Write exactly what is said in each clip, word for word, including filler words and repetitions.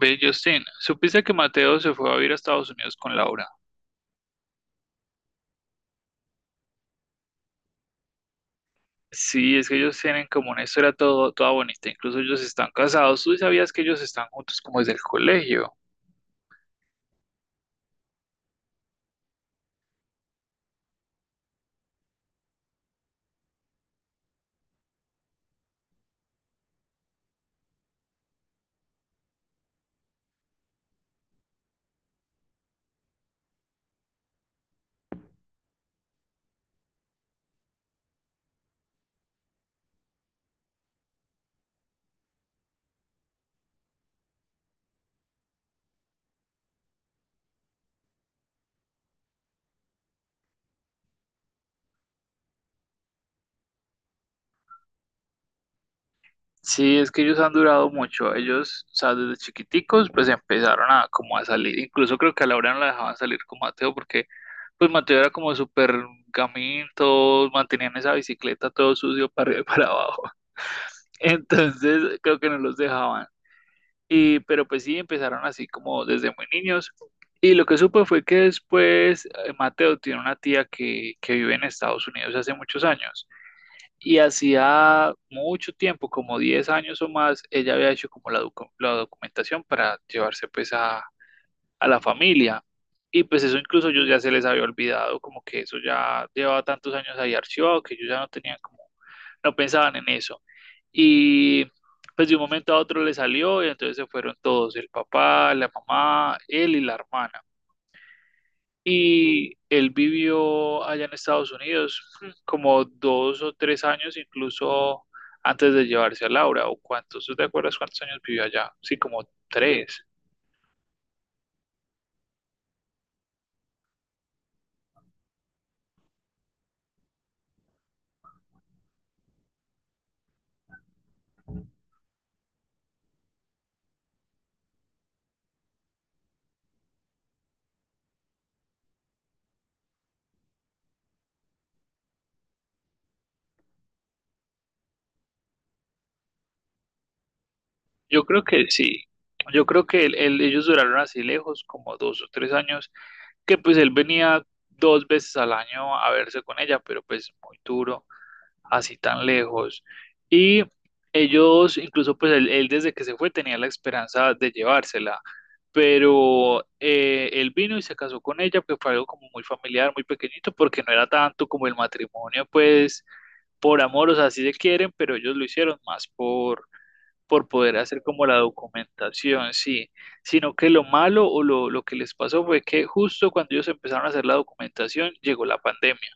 Ve, Justin, ¿supiste que Mateo se fue a vivir a Estados Unidos con Laura? Sí, es que ellos tienen como una historia todo, toda bonita, incluso ellos están casados. ¿Tú sabías que ellos están juntos como desde el colegio? Sí, es que ellos han durado mucho. Ellos, o sea, desde chiquiticos, pues empezaron a como a salir. Incluso creo que a Laura no la dejaban salir con Mateo porque pues Mateo era como súper gamín, todos mantenían esa bicicleta todo sucio para arriba y para abajo. Entonces creo que no los dejaban. Y, pero pues sí, empezaron así como desde muy niños. Y lo que supe fue que después eh, Mateo tiene una tía que, que vive en Estados Unidos hace muchos años. Y hacía mucho tiempo, como diez años o más, ella había hecho como la, docu- la documentación para llevarse pues a, a la familia. Y pues eso incluso yo ya se les había olvidado, como que eso ya llevaba tantos años ahí archivado que ellos ya no tenían como, no pensaban en eso. Y pues de un momento a otro le salió y entonces se fueron todos, el papá, la mamá, él y la hermana. Y él vivió allá en Estados Unidos mm, como dos o tres años, incluso antes de llevarse a Laura, o cuántos, ¿tú te acuerdas cuántos años vivió allá? Sí, como tres. Yo creo que sí. Yo creo que él- él- ellos duraron así lejos, como dos o tres años, que pues él venía dos veces al año a verse con ella, pero pues muy duro, así tan lejos. Y ellos, incluso pues él, él desde que se fue tenía la esperanza de llevársela, pero eh, él vino y se casó con ella, que fue algo como muy familiar, muy pequeñito, porque no era tanto como el matrimonio, pues por amor, o sea, sí se quieren, pero ellos lo hicieron más por por poder hacer como la documentación, sí, sino que lo malo o lo, lo que les pasó fue que justo cuando ellos empezaron a hacer la documentación llegó la pandemia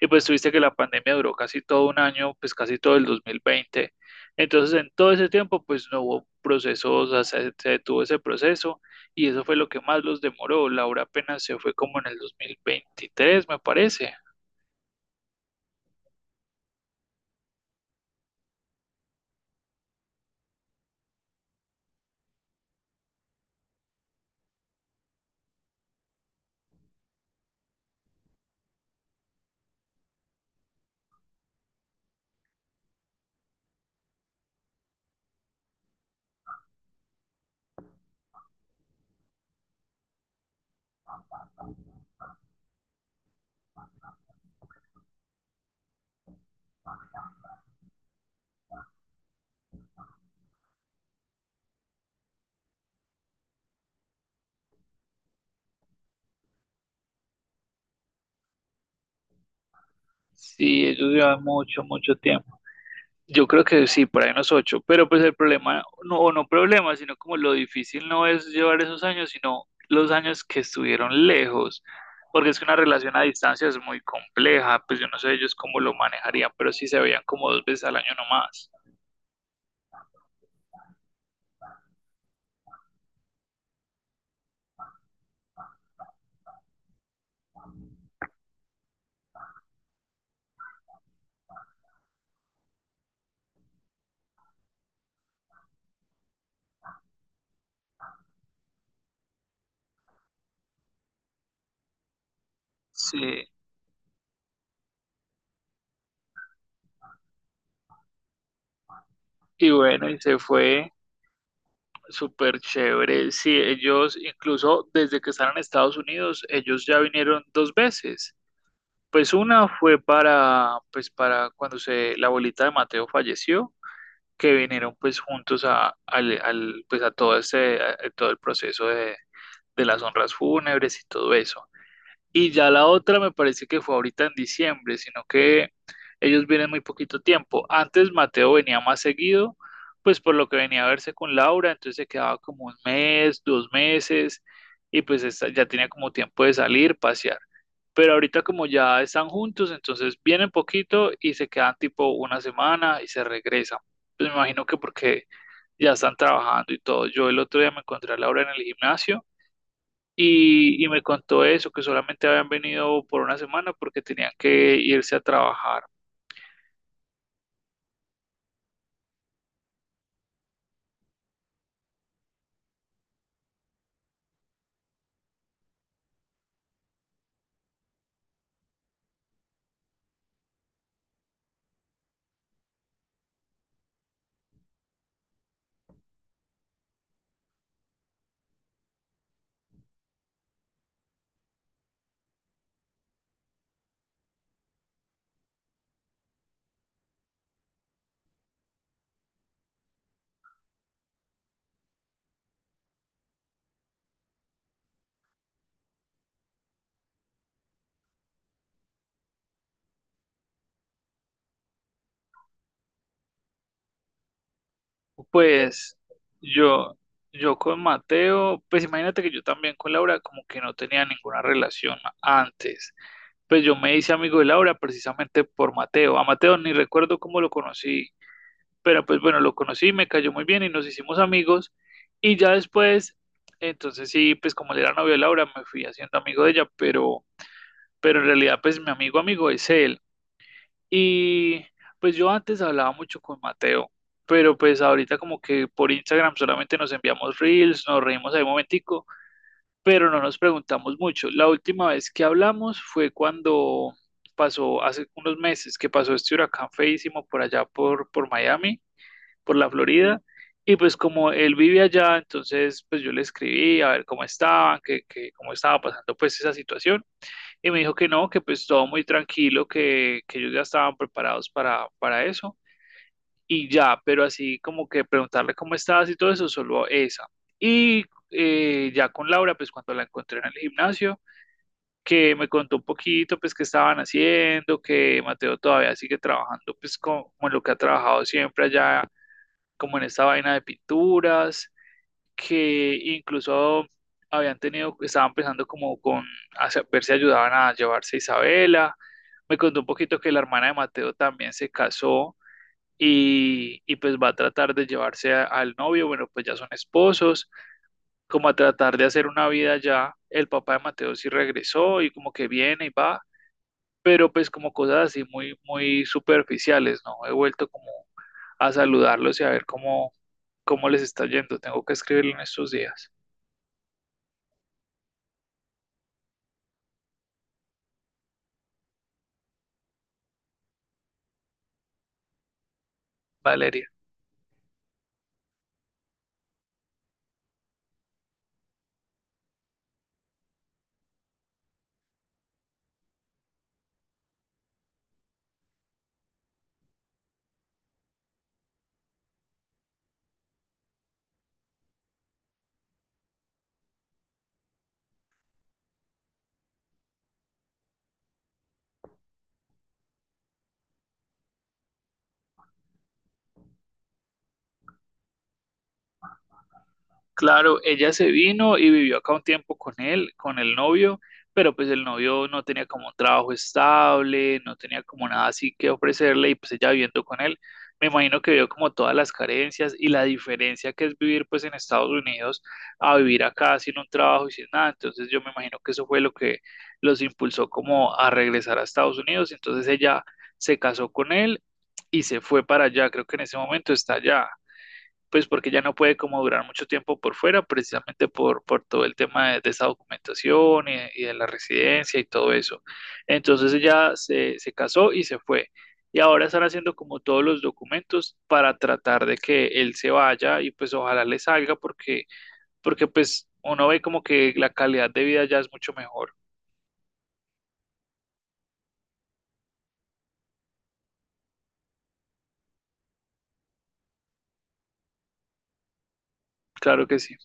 y pues tuviste que la pandemia duró casi todo un año, pues casi todo el dos mil veinte. Entonces en todo ese tiempo pues no hubo procesos, o sea, se, se detuvo ese proceso y eso fue lo que más los demoró. Laura apenas se fue como en el dos mil veintitrés, me parece. Sí, ellos llevan mucho, mucho tiempo. Yo creo que sí, por ahí unos ocho, pero pues el problema, no, o no problema, sino como lo difícil no es llevar esos años, sino los años que estuvieron lejos, porque es que una relación a distancia es muy compleja, pues yo no sé ellos cómo lo manejarían, pero sí se veían como dos veces al año nomás. Sí, y bueno, y se fue súper chévere. Sí, ellos, incluso desde que están en Estados Unidos, ellos ya vinieron dos veces. Pues una fue para, pues para cuando se, la abuelita de Mateo falleció, que vinieron pues juntos a, al, al- pues, a todo ese, a- a todo el proceso de, de las honras fúnebres y todo eso. Y ya la otra me parece que fue ahorita en diciembre, sino que ellos vienen muy poquito tiempo. Antes Mateo venía más seguido, pues por lo que venía a verse con Laura, entonces se quedaba como un mes, dos meses, y pues esta- ya tenía como tiempo de salir, pasear. Pero ahorita como ya están juntos, entonces vienen poquito y se quedan tipo una semana y se regresan. Pues me imagino que porque ya están trabajando y todo. Yo el otro día me encontré a Laura en el gimnasio y, y me contó eso, que solamente habían venido por una semana porque tenían que irse a trabajar. Pues yo, yo con Mateo, pues imagínate que yo también con Laura como que no tenía ninguna relación antes. Pues yo me hice amigo de Laura precisamente por Mateo. A Mateo ni recuerdo cómo lo conocí, pero pues bueno, lo conocí, me cayó muy bien y nos hicimos amigos. Y ya después, entonces sí, pues como él era novio de Laura, me fui haciendo amigo de ella, pero, pero en realidad pues mi amigo amigo es él. Y pues yo antes hablaba mucho con Mateo, pero pues ahorita como que por Instagram solamente nos enviamos reels, nos reímos ahí un momentico, pero no nos preguntamos mucho. La última vez que hablamos fue cuando pasó, hace unos meses, que pasó este huracán feísimo por allá por, por Miami, por la Florida. Y pues como él vive allá, entonces pues yo le escribí a ver cómo estaban, que, que cómo estaba pasando pues esa situación. Y me dijo que no, que pues todo muy tranquilo, que, que ellos ya estaban preparados para, para eso y ya, pero así como que preguntarle cómo estás y todo eso, solo esa. Y eh, ya con Laura, pues cuando la encontré en el gimnasio, que me contó un poquito, pues qué estaban haciendo, que Mateo todavía sigue trabajando, pues como en lo que ha trabajado siempre allá, como en esta vaina de pinturas, que incluso habían tenido, estaban pensando como con hacer- ver si ayudaban a llevarse a Isabela. Me contó un poquito que la hermana de Mateo también se casó y, y pues va a tratar de llevarse a- al novio, bueno, pues ya son esposos, como a tratar de hacer una vida ya. El papá de Mateo sí regresó y como que viene y va, pero pues como cosas así muy, muy superficiales, ¿no? He vuelto como a saludarlos y a ver cómo, cómo les está yendo. Tengo que escribirlo en estos días. Valeria. Claro, ella se vino y vivió acá un tiempo con él, con el novio, pero pues el novio no tenía como un trabajo estable, no tenía como nada así que ofrecerle y pues ella viviendo con él, me imagino que vio como todas las carencias y la diferencia que es vivir pues en Estados Unidos a vivir acá sin un trabajo y sin nada, entonces yo me imagino que eso fue lo que los impulsó como a regresar a Estados Unidos, entonces ella se casó con él y se fue para allá, creo que en ese momento está allá pues porque ya no puede como durar mucho tiempo por fuera, precisamente por, por todo el tema de, de esa documentación y, y, de la residencia y todo eso. Entonces ella se, se casó y se fue. Y ahora están haciendo como todos los documentos para tratar de que él se vaya y pues ojalá le salga porque, porque pues uno ve como que la calidad de vida ya es mucho mejor. Claro que sí.